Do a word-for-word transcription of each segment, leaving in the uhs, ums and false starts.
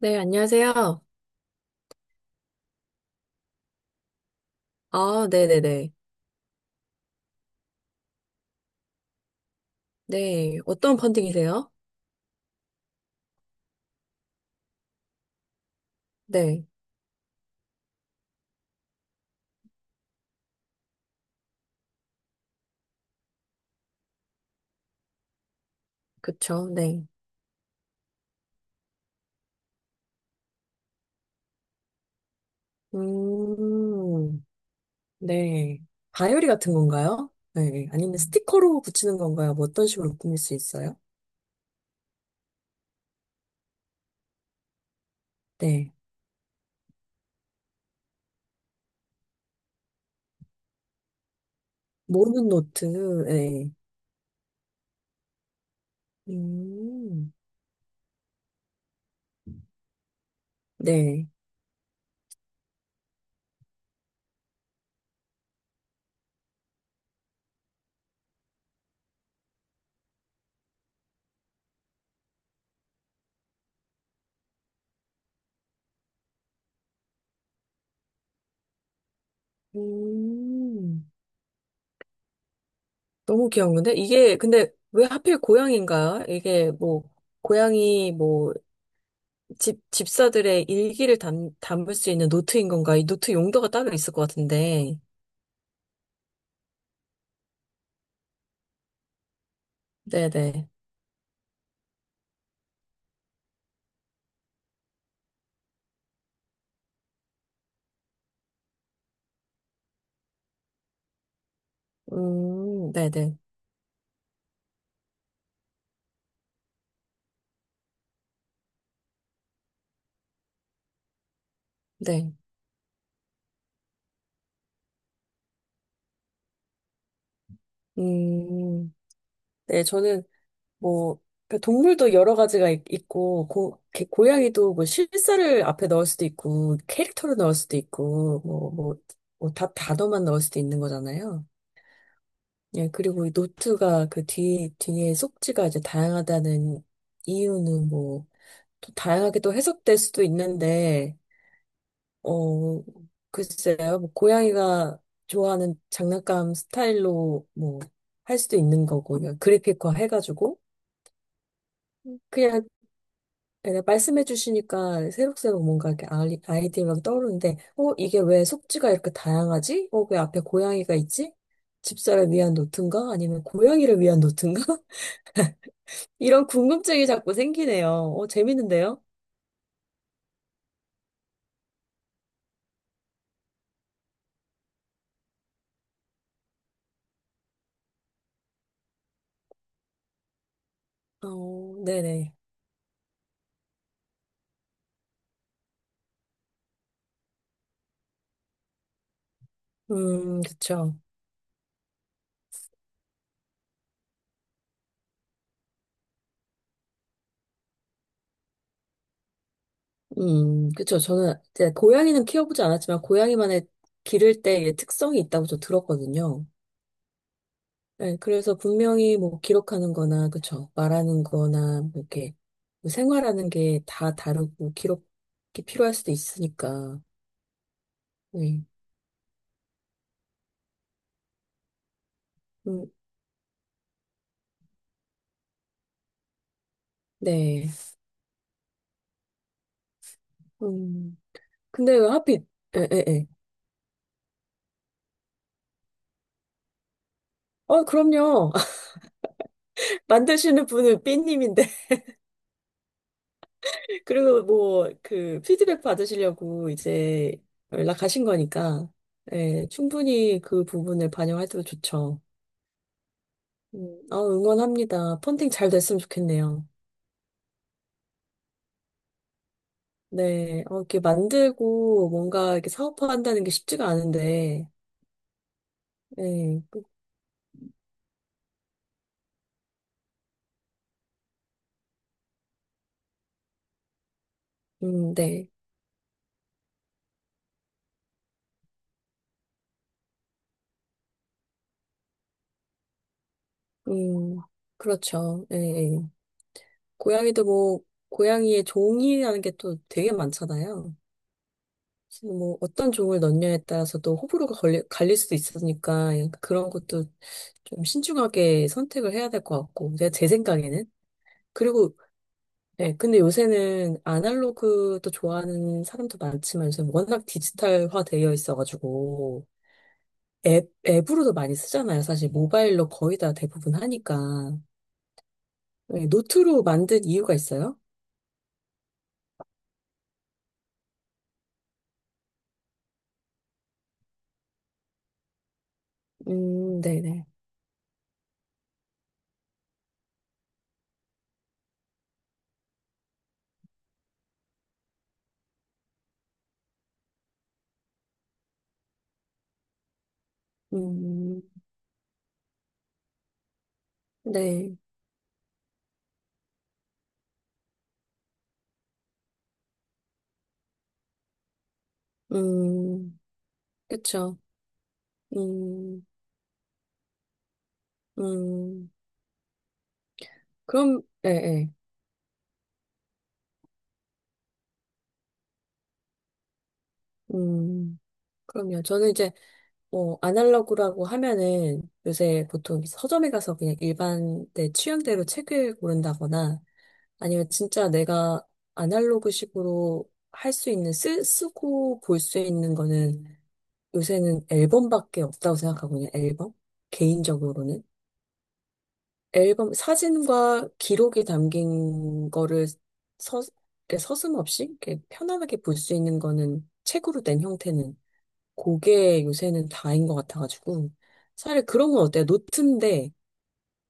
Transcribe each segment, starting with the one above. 네, 안녕하세요. 아, 네네네. 네, 어떤 펀딩이세요? 네, 그쵸, 네. 음, 네. 바이오리 같은 건가요? 네, 아니면 스티커로 붙이는 건가요? 뭐 어떤 식으로 꾸밀 수 있어요? 네, 모르는 노트, 네. 음, 네. 음, 너무 귀여운데? 이게, 근데 왜 하필 고양인가요? 이게 뭐, 고양이 뭐, 집, 집사들의 일기를 담, 담을 수 있는 노트인 건가? 이 노트 용도가 따로 있을 것 같은데. 네네. 음, 네네. 네. 음, 네, 저는 뭐, 그 동물도 여러 가지가 있, 고 고, 개- 고양이도 뭐 실사를 앞에 넣을 수도 있고, 캐릭터를 넣을 수도 있고, 뭐, 뭐, 뭐 다, 단어만 넣을 수도 있는 거잖아요. 예, 그리고 이 노트가 그 뒤, 뒤에 속지가 이제 다양하다는 이유는 뭐, 또 다양하게 또 해석될 수도 있는데, 어, 글쎄요. 뭐 고양이가 좋아하는 장난감 스타일로 뭐 할 수도 있는 거고, 그냥 그래픽화 해가지고, 그냥, 그냥 말씀해 주시니까 새록새록 뭔가 이렇게 아이- 아이디어가 떠오르는데, 어, 이게 왜 속지가 이렇게 다양하지? 어, 왜 앞에 고양이가 있지? 집사를 위한 노트인가? 아니면 고양이를 위한 노트인가? 이런 궁금증이 자꾸 생기네요. 어, 재밌는데요? 어, 네네. 음, 그쵸. 음, 그쵸. 저는 이제 고양이는 키워보지 않았지만 고양이만의 기를 때의 특성이 있다고 저 들었거든요. 네, 그래서 분명히 뭐 기록하는 거나, 그쵸. 말하는 거나, 뭐 이렇게 뭐 생활하는 게 다 다르고 기록이 필요할 수도 있으니까. 네. 음, 네. 음, 근데 왜 하필, 에, 에, 에. 어, 그럼요. 만드시는 분은 삐님인데. 그리고 뭐 그 피드백 받으시려고 이제 연락하신 거니까 예, 충분히 그 부분을 반영해도 좋죠. 음, 아, 응원합니다. 펀딩 잘 됐으면 좋겠네요. 네, 어, 이렇게 만들고 뭔가 이렇게 사업화한다는 게 쉽지가 않은데, 예, 음, 네, 음, 그렇죠. 예, 예. 고양이도 뭐 고양이의 종이라는 게 또 되게 많잖아요. 그래서 뭐 어떤 종을 넣느냐에 따라서도 호불호가 걸리, 갈릴 수도 있으니까 약간 그런 것도 좀 신중하게 선택을 해야 될 것 같고, 내, 제 생각에는. 그리고, 네, 근데 요새는 아날로그도 좋아하는 사람도 많지만 요새 워낙 디지털화 되어 있어가지고, 앱, 앱으로도 많이 쓰잖아요. 사실 모바일로 거의 다 대부분 하니까. 네, 노트로 만든 이유가 있어요? 음, 네네. 음, 네. 음, 그쵸. 음, 음. 그럼, 예, 예. 음, 그럼요. 저는 이제 어, 아날로그라고 하면은 요새 보통 서점에 가서 그냥 일반 내 취향대로 책을 고른다거나 아니면 진짜 내가 아날로그식으로 할 수 있는, 쓰, 쓰고 볼 수 있는 거는 요새는 앨범밖에 없다고 생각하거든요, 앨범? 개인적으로는. 앨범, 사진과 기록이 담긴 거를 서, 서슴없이 이렇게 편안하게 볼 수 있는 거는 책으로 된 형태는 그게 요새는 다인 것 같아가지고. 차라리 그런 건 어때요? 노트인데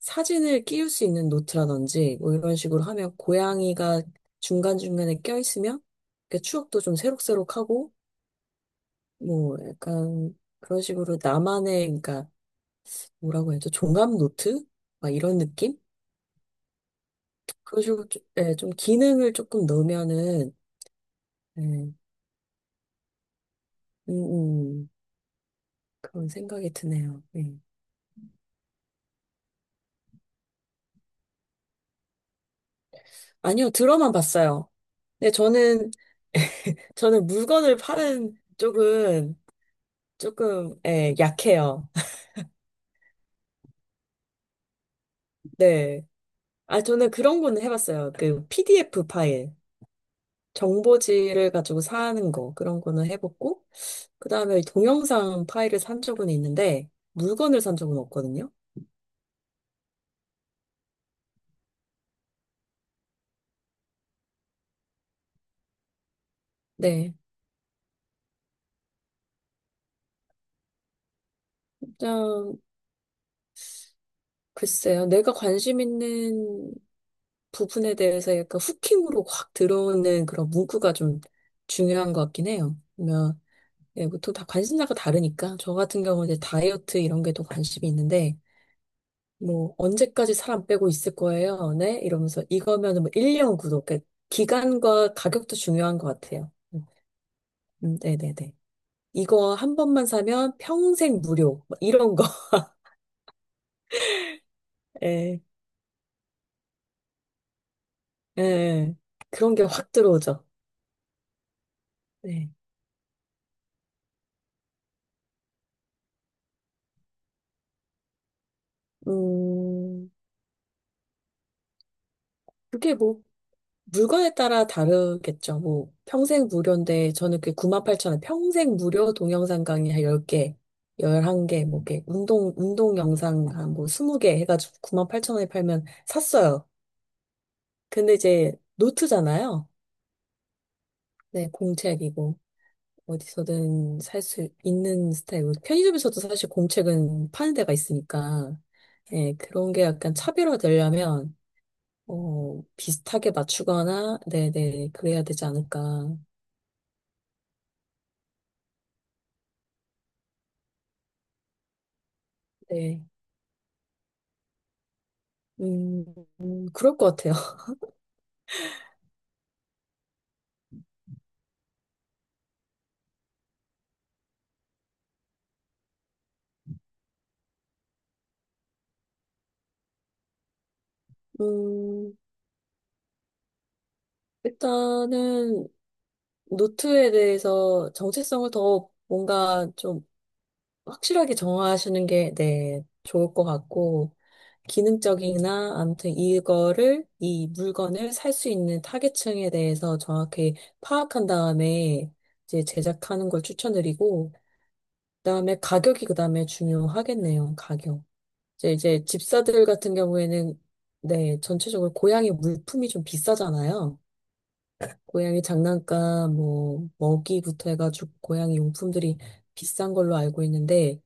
사진을 끼울 수 있는 노트라든지 뭐 이런 식으로 하면 고양이가 중간중간에 껴있으면 그 추억도 좀 새록새록하고 뭐 약간 그런 식으로 나만의 그러니까 뭐라고 해야죠? 종합 노트? 막 이런 느낌? 그런 식으로 좀, 예, 좀 기능을 조금 넣으면은 예, 음, 음, 그런 생각이 드네요. 예. 아니요, 들어만 봤어요. 네, 저는 저는 물건을 파는 쪽은 조금, 예, 약해요. 네. 아, 저는 그런 거는 해봤어요. 그 피디에프 파일, 정보지를 가지고 사는 거, 그런 거는 해봤고, 그 다음에 동영상 파일을 산 적은 있는데, 물건을 산 적은 없거든요. 네. 일단, 글쎄요. 내가 관심 있는 부분에 대해서 약간 후킹으로 확 들어오는 그런 문구가 좀 중요한 것 같긴 해요. 네, 보통 다 관심사가 다르니까 저 같은 경우는 이제 다이어트 이런 게 더 관심이 있는데 뭐 언제까지 사람 빼고 있을 거예요? 네? 이러면서 이거면은 뭐 일 년 구독 그러니까 기간과 가격도 중요한 것 같아요. 음, 음, 네네네. 이거 한 번만 사면 평생 무료 뭐 이런 거. 예, 예. 그런 게 확 들어오죠. 네. 음, 그게 뭐 물건에 따라 다르겠죠. 뭐, 평생 무료인데, 저는 그 구만 팔천원 평생 무료 동영상 강의 한 열 개, 열한 개, 뭐, 이렇게, 운동, 운동 영상 한 뭐, 스무 개 해가지고 구만 팔천원에 팔면 샀어요. 근데 이제, 노트잖아요. 네, 공책이고, 어디서든 살 수 있는 스타일이고, 편의점에서도 사실 공책은 파는 데가 있으니까, 네, 그런 게 약간 차별화되려면, 어, 비슷하게 맞추거나, 네네, 그래야 되지 않을까. 네. 음, 음, 그럴 것 같아요. 음, 일단은 노트에 대해서 정체성을 더 뭔가 좀 확실하게 정하시는 게, 네, 좋을 것 같고, 기능적이나 아무튼 이거를, 이 물건을 살 수 있는 타겟층에 대해서 정확히 파악한 다음에 이제 제작하는 걸 추천드리고, 그다음에 가격이 그다음에 중요하겠네요. 가격. 이제 이제 집사들 같은 경우에는 네, 전체적으로 고양이 물품이 좀 비싸잖아요. 고양이 장난감, 뭐 먹이부터 해가지고 고양이 용품들이 비싼 걸로 알고 있는데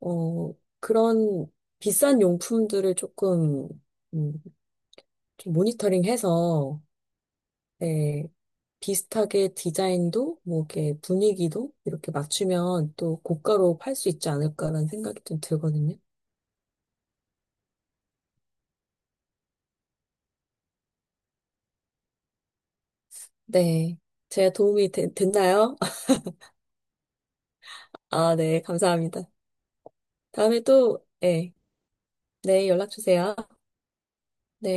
어 그런 비싼 용품들을 조금 음, 좀 모니터링해서 네, 비슷하게 디자인도 뭐 이렇게 분위기도 이렇게 맞추면 또 고가로 팔 수 있지 않을까라는 생각이 좀 들거든요. 네, 제가 도움이 되- 됐나요? 아, 네, 감사합니다. 다음에 또, 네, 네, 연락 주세요. 네.